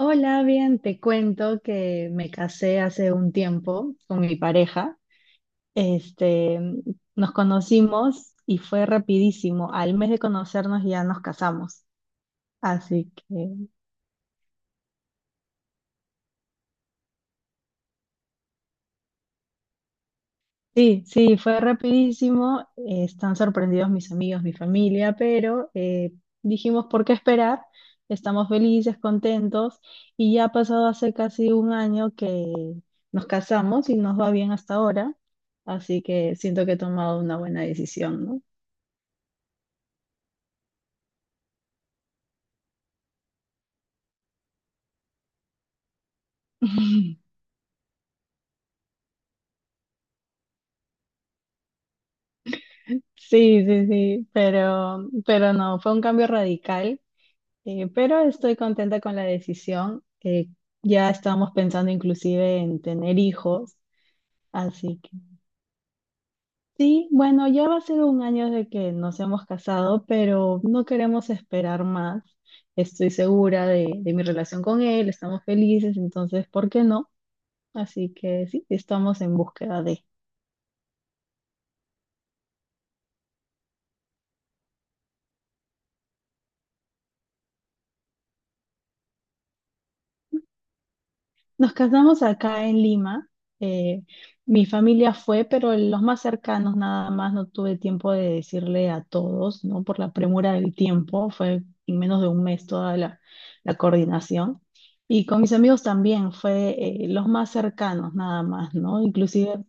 Hola, bien, te cuento que me casé hace un tiempo con mi pareja. Este, Nos conocimos y fue rapidísimo. Al mes de conocernos ya nos casamos. Así que sí, sí, fue rapidísimo. Están sorprendidos mis amigos, mi familia, pero dijimos, ¿por qué esperar? Estamos felices, contentos y ya ha pasado hace casi un año que nos casamos y nos va bien hasta ahora, así que siento que he tomado una buena decisión, ¿no? Sí, sí, sí, pero no, fue un cambio radical, pero estoy contenta con la decisión. Ya estábamos pensando inclusive en tener hijos. Así que sí, bueno, ya va a ser un año de que nos hemos casado, pero no queremos esperar más. Estoy segura de mi relación con él, estamos felices, entonces, ¿por qué no? Así que sí, estamos en búsqueda de. Nos casamos acá en Lima. eh, Mi familia fue, pero los más cercanos nada más. No tuve tiempo de decirle a todos, ¿no? Por la premura del tiempo. Fue en menos de un mes toda la coordinación. Y con mis amigos también fue los más cercanos nada más, ¿no? Inclusive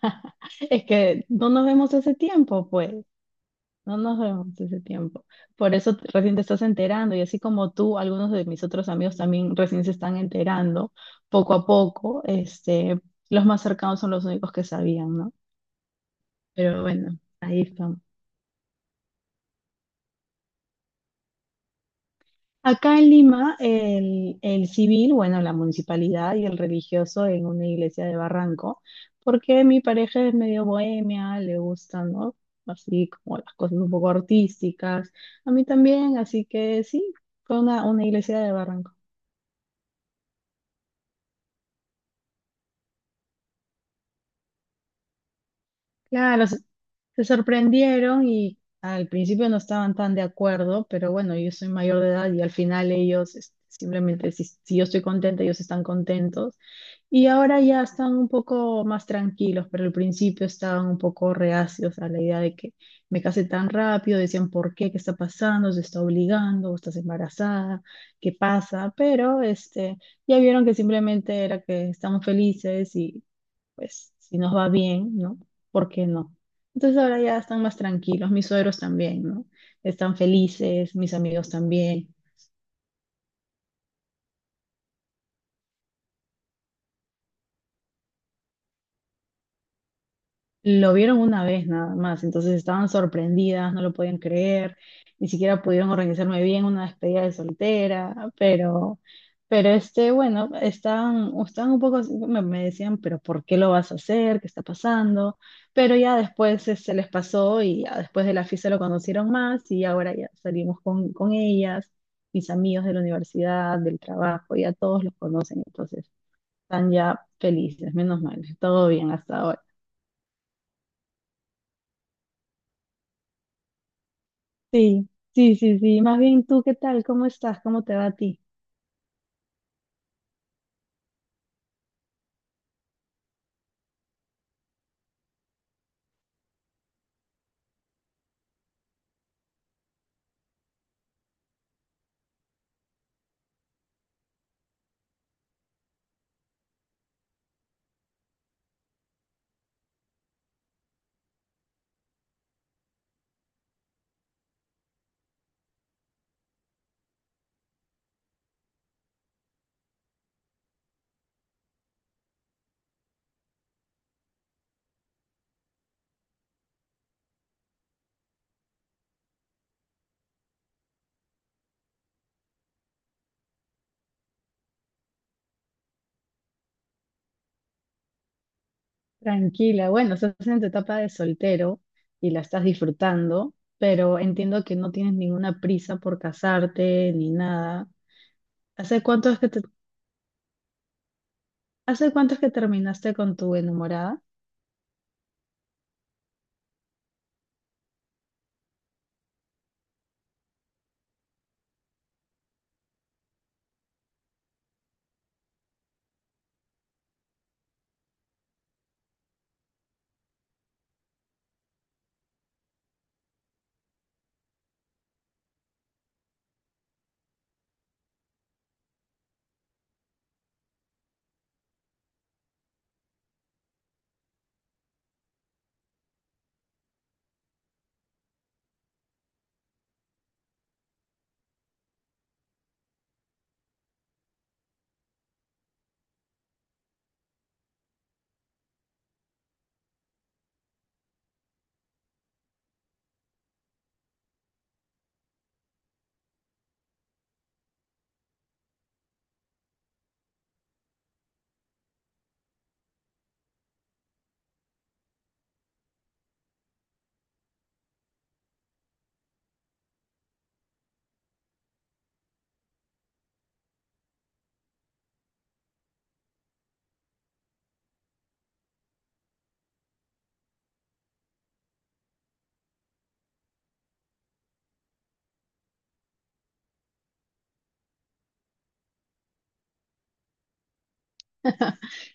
es que no nos vemos hace tiempo, pues. No nos vemos ese tiempo. Por eso recién te estás enterando y así como tú, algunos de mis otros amigos también recién se están enterando poco a poco. Los más cercanos son los únicos que sabían, ¿no? Pero bueno, ahí estamos. Acá en Lima, el civil, bueno, la municipalidad y el religioso en una iglesia de Barranco, porque mi pareja es medio bohemia, le gustan, ¿no? Así como las cosas un poco artísticas. A mí también, así que sí, fue una iglesia de Barranco. Claro, se sorprendieron y al principio no estaban tan de acuerdo, pero bueno, yo soy mayor de edad y al final ellos simplemente, si yo estoy contenta, ellos están contentos. Y ahora ya están un poco más tranquilos, pero al principio estaban un poco reacios a la idea de que me case tan rápido, decían, ¿por qué? ¿Qué está pasando? ¿Se está obligando? ¿Estás embarazada? ¿Qué pasa? Pero ya vieron que simplemente era que estamos felices pues si nos va bien, ¿no? ¿Por qué no? Entonces ahora ya están más tranquilos, mis suegros también, ¿no? Están felices, mis amigos también. Lo vieron una vez nada más, entonces estaban sorprendidas, no lo podían creer, ni siquiera pudieron organizarme bien una despedida de soltera, pero bueno, estaban un poco, así, me decían, pero ¿por qué lo vas a hacer? ¿Qué está pasando? Pero ya después se les pasó y ya después de la fiesta lo conocieron más y ahora ya salimos con ellas, mis amigos de la universidad, del trabajo, ya todos los conocen, entonces están ya felices, menos mal, todo bien hasta ahora. Sí, sí, sí, sí. Más bien, ¿tú qué tal? ¿Cómo estás? ¿Cómo te va a ti? Tranquila. Bueno, estás en tu etapa de soltero y la estás disfrutando, pero entiendo que no tienes ninguna prisa por casarte ni nada. ¿Hace cuánto es que hace cuánto es que terminaste con tu enamorada?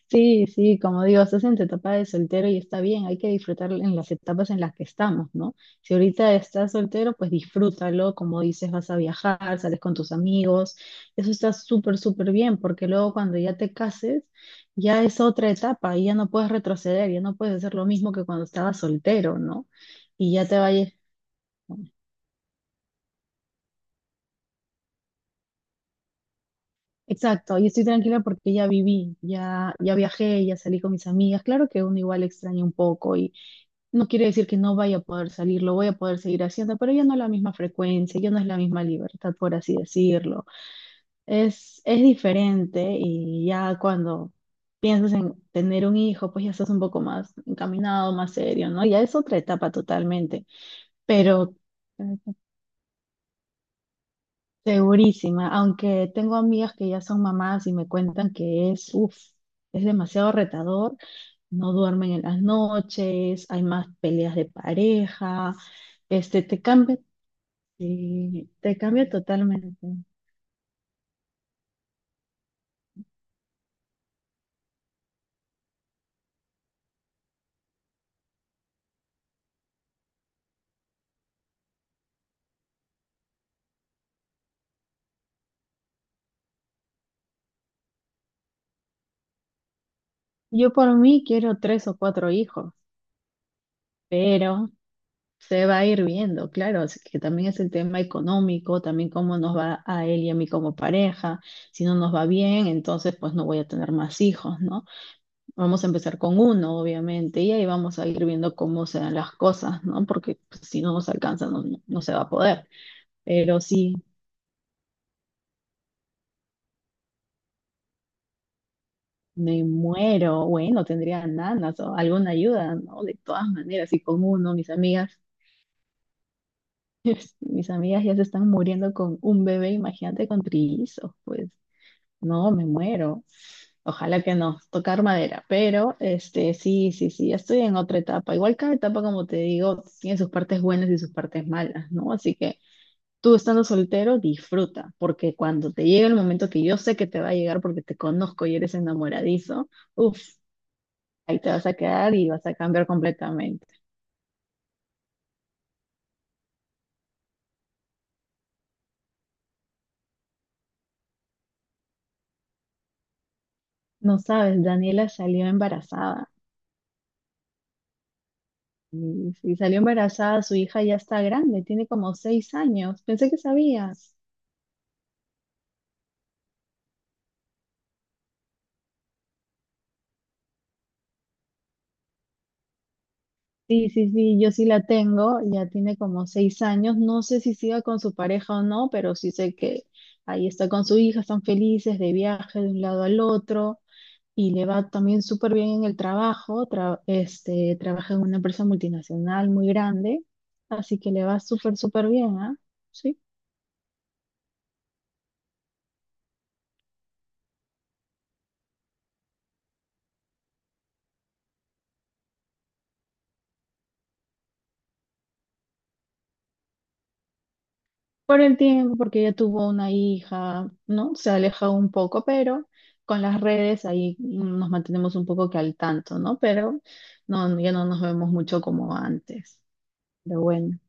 Sí, sí, como digo, estás en tu etapa de soltero y está bien, hay que disfrutar en las etapas en las que estamos, ¿no? Si ahorita estás soltero, pues disfrútalo, como dices, vas a viajar, sales con tus amigos, eso está súper, súper bien, porque luego cuando ya te cases, ya es otra etapa y ya no puedes retroceder, ya no puedes hacer lo mismo que cuando estabas soltero, ¿no? Y ya te vayas. Exacto, y estoy tranquila porque ya viví, ya viajé, ya salí con mis amigas. Claro que uno igual extraña un poco y, no quiere decir que no vaya a poder salir, lo voy a poder seguir haciendo, pero ya no es la misma frecuencia, ya no es la misma libertad, por así decirlo. Es diferente y ya cuando piensas en tener un hijo, pues ya estás un poco más encaminado, más serio, ¿no? Ya es otra etapa totalmente, pero eh, segurísima, aunque tengo amigas que ya son mamás y me cuentan que es, uff, es demasiado retador, no duermen en las noches, hay más peleas de pareja. Te cambia. Sí, te cambia totalmente. Yo por mí quiero tres o cuatro hijos, pero se va a ir viendo, claro, así que también es el tema económico, también cómo nos va a él y a mí como pareja. Si no nos va bien, entonces pues no voy a tener más hijos, ¿no? Vamos a empezar con uno, obviamente, y ahí vamos a ir viendo cómo se dan las cosas, ¿no? Porque pues, si no nos alcanza, no se va a poder. Pero sí. Me muero, bueno, tendría nanas o alguna ayuda, ¿no? De todas maneras, y con uno, mis amigas mis amigas ya se están muriendo con un bebé, imagínate con trillizos, pues no, me muero. Ojalá que no, tocar madera, pero sí, sí, sí, ya estoy en otra etapa. Igual cada etapa, como te digo, tiene sus partes buenas y sus partes malas, ¿no? Así que tú estando soltero, disfruta, porque cuando te llegue el momento que yo sé que te va a llegar porque te conozco y eres enamoradizo, uff, ahí te vas a quedar y vas a cambiar completamente. No sabes, Daniela salió embarazada. Y salió embarazada, su hija ya está grande, tiene como 6 años. Pensé que sabías. Sí, sí, sí, yo sí la tengo, ya tiene como 6 años. No sé si siga con su pareja o no, pero sí sé que ahí está con su hija, están felices de viaje de un lado al otro y le va también súper bien en el trabajo. Trabaja en una empresa multinacional muy grande, así que le va súper, súper bien, ¿ah? Sí. Por el tiempo, porque ella tuvo una hija, ¿no? Se ha alejado un poco, pero con las redes ahí nos mantenemos un poco que al tanto, ¿no? Pero no, ya no nos vemos mucho como antes. Pero bueno.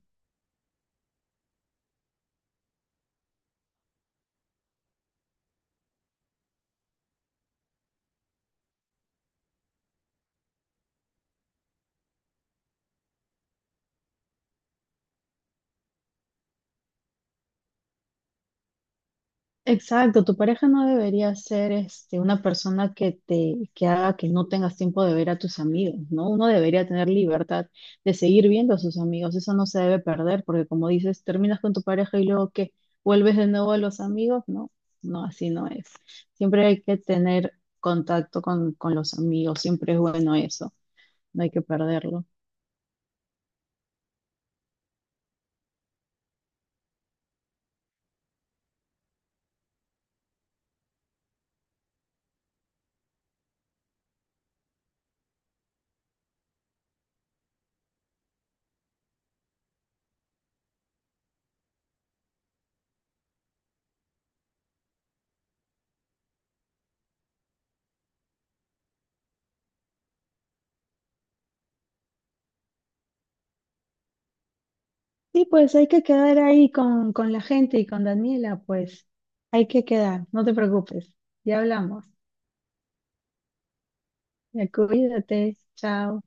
Exacto, tu pareja no debería ser una persona que te que haga que no tengas tiempo de ver a tus amigos, ¿no? Uno debería tener libertad de seguir viendo a sus amigos, eso no se debe perder, porque como dices, terminas con tu pareja y luego que vuelves de nuevo a los amigos, no, no, así no es. Siempre hay que tener contacto con los amigos, siempre es bueno eso, no hay que perderlo. Sí, pues hay que quedar ahí con la gente y con Daniela, pues hay que quedar, no te preocupes, ya hablamos. Ya cuídate, chao.